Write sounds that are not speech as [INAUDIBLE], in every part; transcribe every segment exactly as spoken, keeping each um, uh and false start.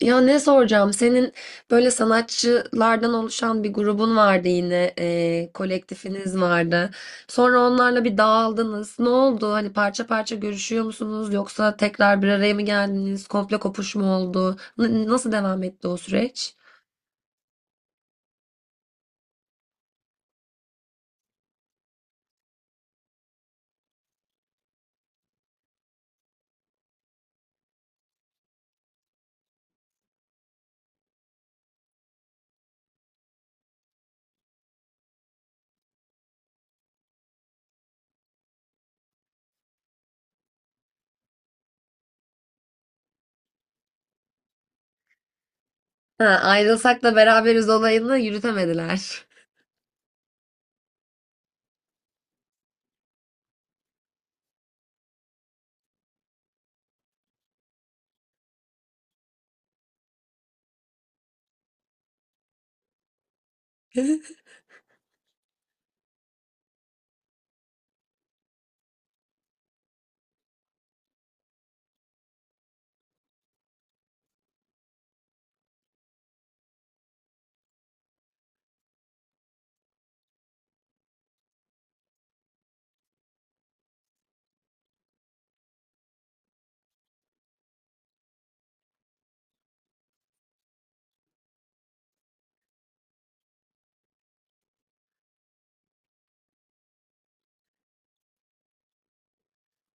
Ya ne soracağım? Senin böyle sanatçılardan oluşan bir grubun vardı yine, eee, kolektifiniz vardı. Sonra onlarla bir dağıldınız. Ne oldu? Hani parça parça görüşüyor musunuz? Yoksa tekrar bir araya mı geldiniz? Komple kopuş mu oldu? N- nasıl devam etti o süreç? Ha, ayrılsak da beraberiz olayını yürütemediler.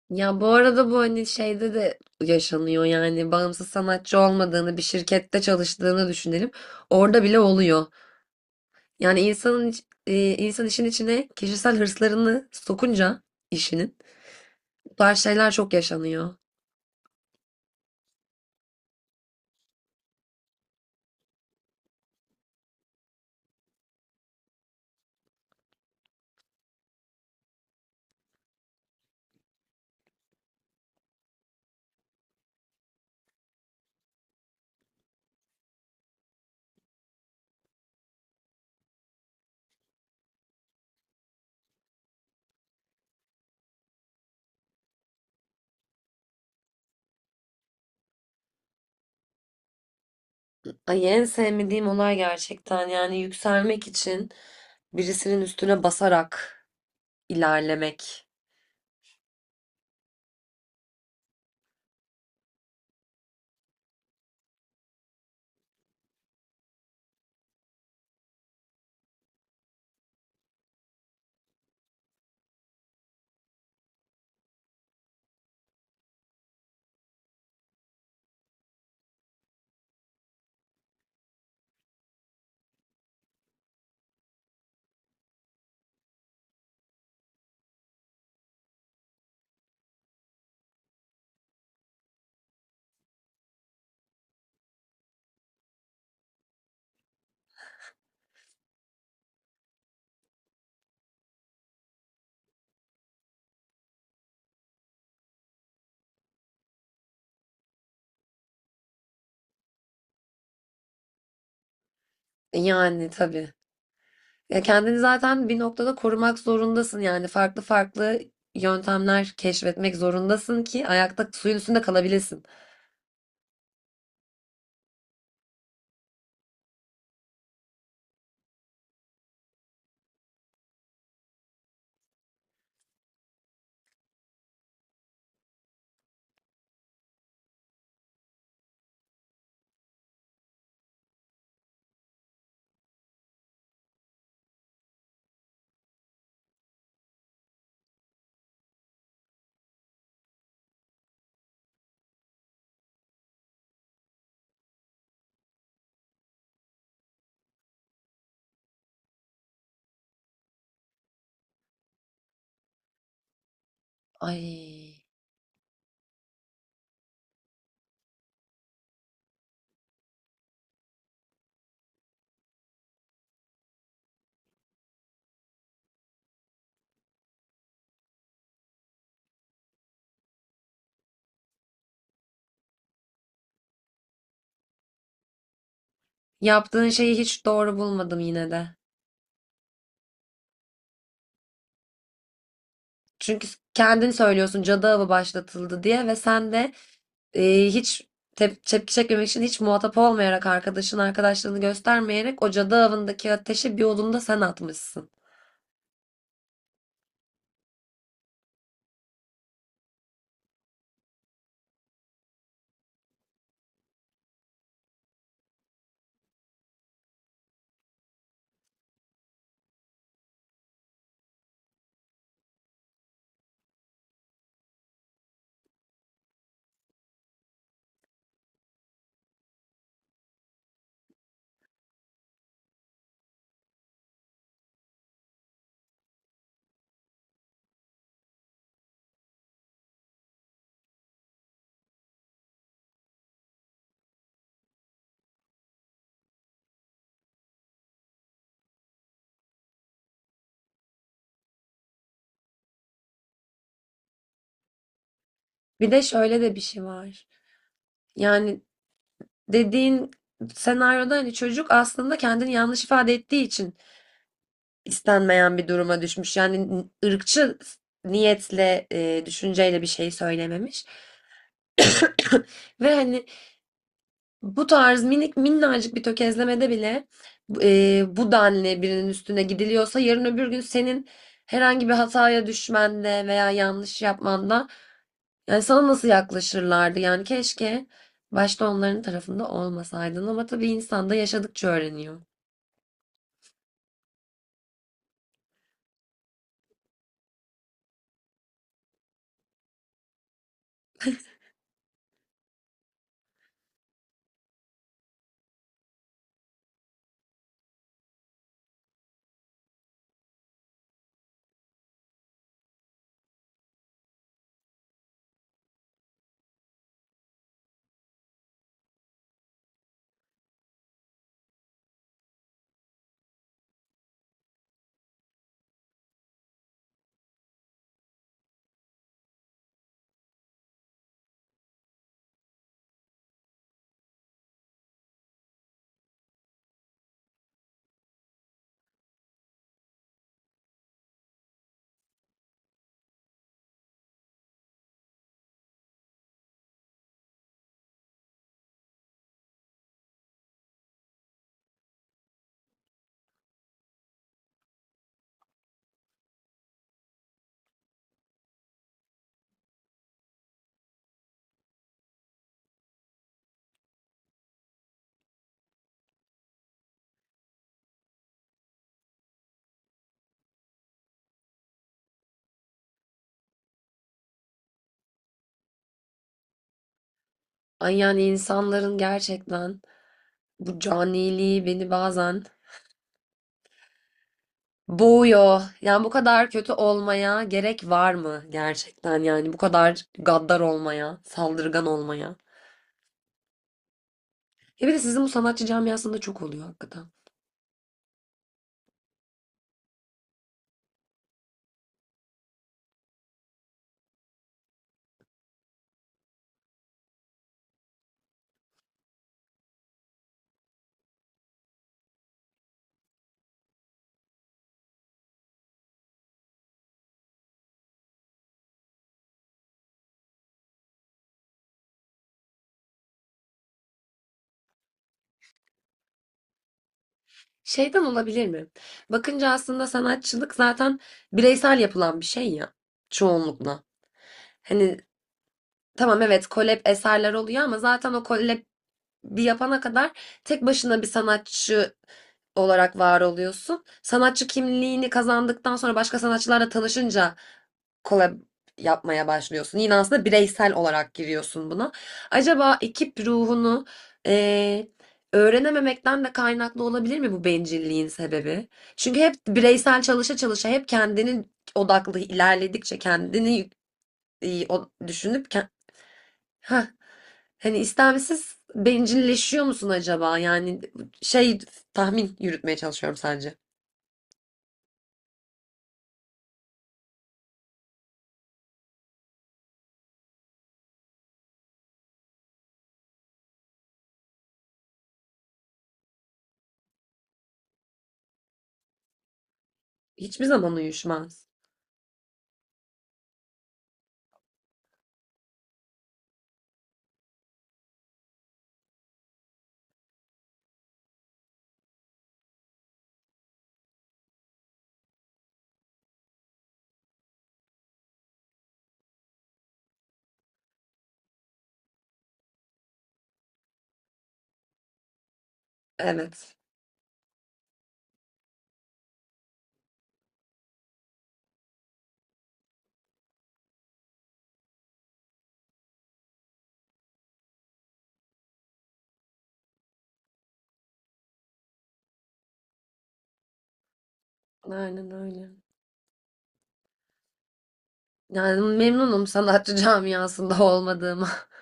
Ya bu arada bu hani şeyde de yaşanıyor yani bağımsız sanatçı olmadığını bir şirkette çalıştığını düşünelim. Orada bile oluyor. Yani insanın iç- e, insan işin içine kişisel hırslarını sokunca işinin bu tarz şeyler çok yaşanıyor. Ay en sevmediğim olay gerçekten yani yükselmek için birisinin üstüne basarak ilerlemek. E yani tabii. Ya kendini zaten bir noktada korumak zorundasın yani farklı farklı yöntemler keşfetmek zorundasın ki ayakta suyun üstünde kalabilesin. Ay yaptığın şeyi hiç doğru bulmadım yine de. Çünkü kendin söylüyorsun cadı avı başlatıldı diye ve sen de e, hiç tep- tepki çekmemek için hiç muhatap olmayarak arkadaşın arkadaşlığını göstermeyerek o cadı avındaki ateşi bir odunda sen atmışsın. Bir de şöyle de bir şey var. Yani dediğin senaryoda hani çocuk aslında kendini yanlış ifade ettiği için istenmeyen bir duruma düşmüş. Yani ırkçı niyetle, e, düşünceyle bir şey söylememiş. [COUGHS] Ve hani bu tarz minik minnacık bir tökezlemede bile, e, bu denli birinin üstüne gidiliyorsa yarın öbür gün senin herhangi bir hataya düşmende veya yanlış yapmanda yani sana nasıl yaklaşırlardı? Yani keşke başta onların tarafında olmasaydın ama tabii insan da yaşadıkça öğreniyor. Ay yani insanların gerçekten bu caniliği beni bazen boğuyor. Yani bu kadar kötü olmaya gerek var mı gerçekten yani bu kadar gaddar olmaya, saldırgan olmaya. Ya bir de sizin bu sanatçı camiasında çok oluyor hakikaten. Şeyden olabilir mi? Bakınca aslında sanatçılık zaten bireysel yapılan bir şey ya, çoğunlukla. Hani tamam, evet, kolab eserler oluyor ama zaten o kolab bir yapana kadar tek başına bir sanatçı olarak var oluyorsun. Sanatçı kimliğini kazandıktan sonra başka sanatçılarla tanışınca kolab yapmaya başlıyorsun. Yine aslında bireysel olarak giriyorsun buna. Acaba ekip ruhunu eee, öğrenememekten de kaynaklı olabilir mi bu bencilliğin sebebi? Çünkü hep bireysel çalışa çalışa hep kendini odaklı ilerledikçe kendini e, o- düşünüp ke- heh. Hani istemsiz bencilleşiyor musun acaba? Yani şey, tahmin yürütmeye çalışıyorum sence. Hiçbir zaman uyuşmaz. Evet. Aynen öyle. Yani memnunum sanatçı camiasında olmadığıma. [LAUGHS]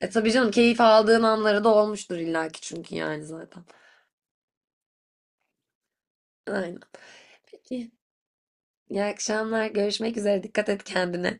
E tabii canım, keyif aldığın anları da olmuştur illaki çünkü yani zaten. Aynen. Peki. İyi akşamlar. Görüşmek üzere. Dikkat et kendine.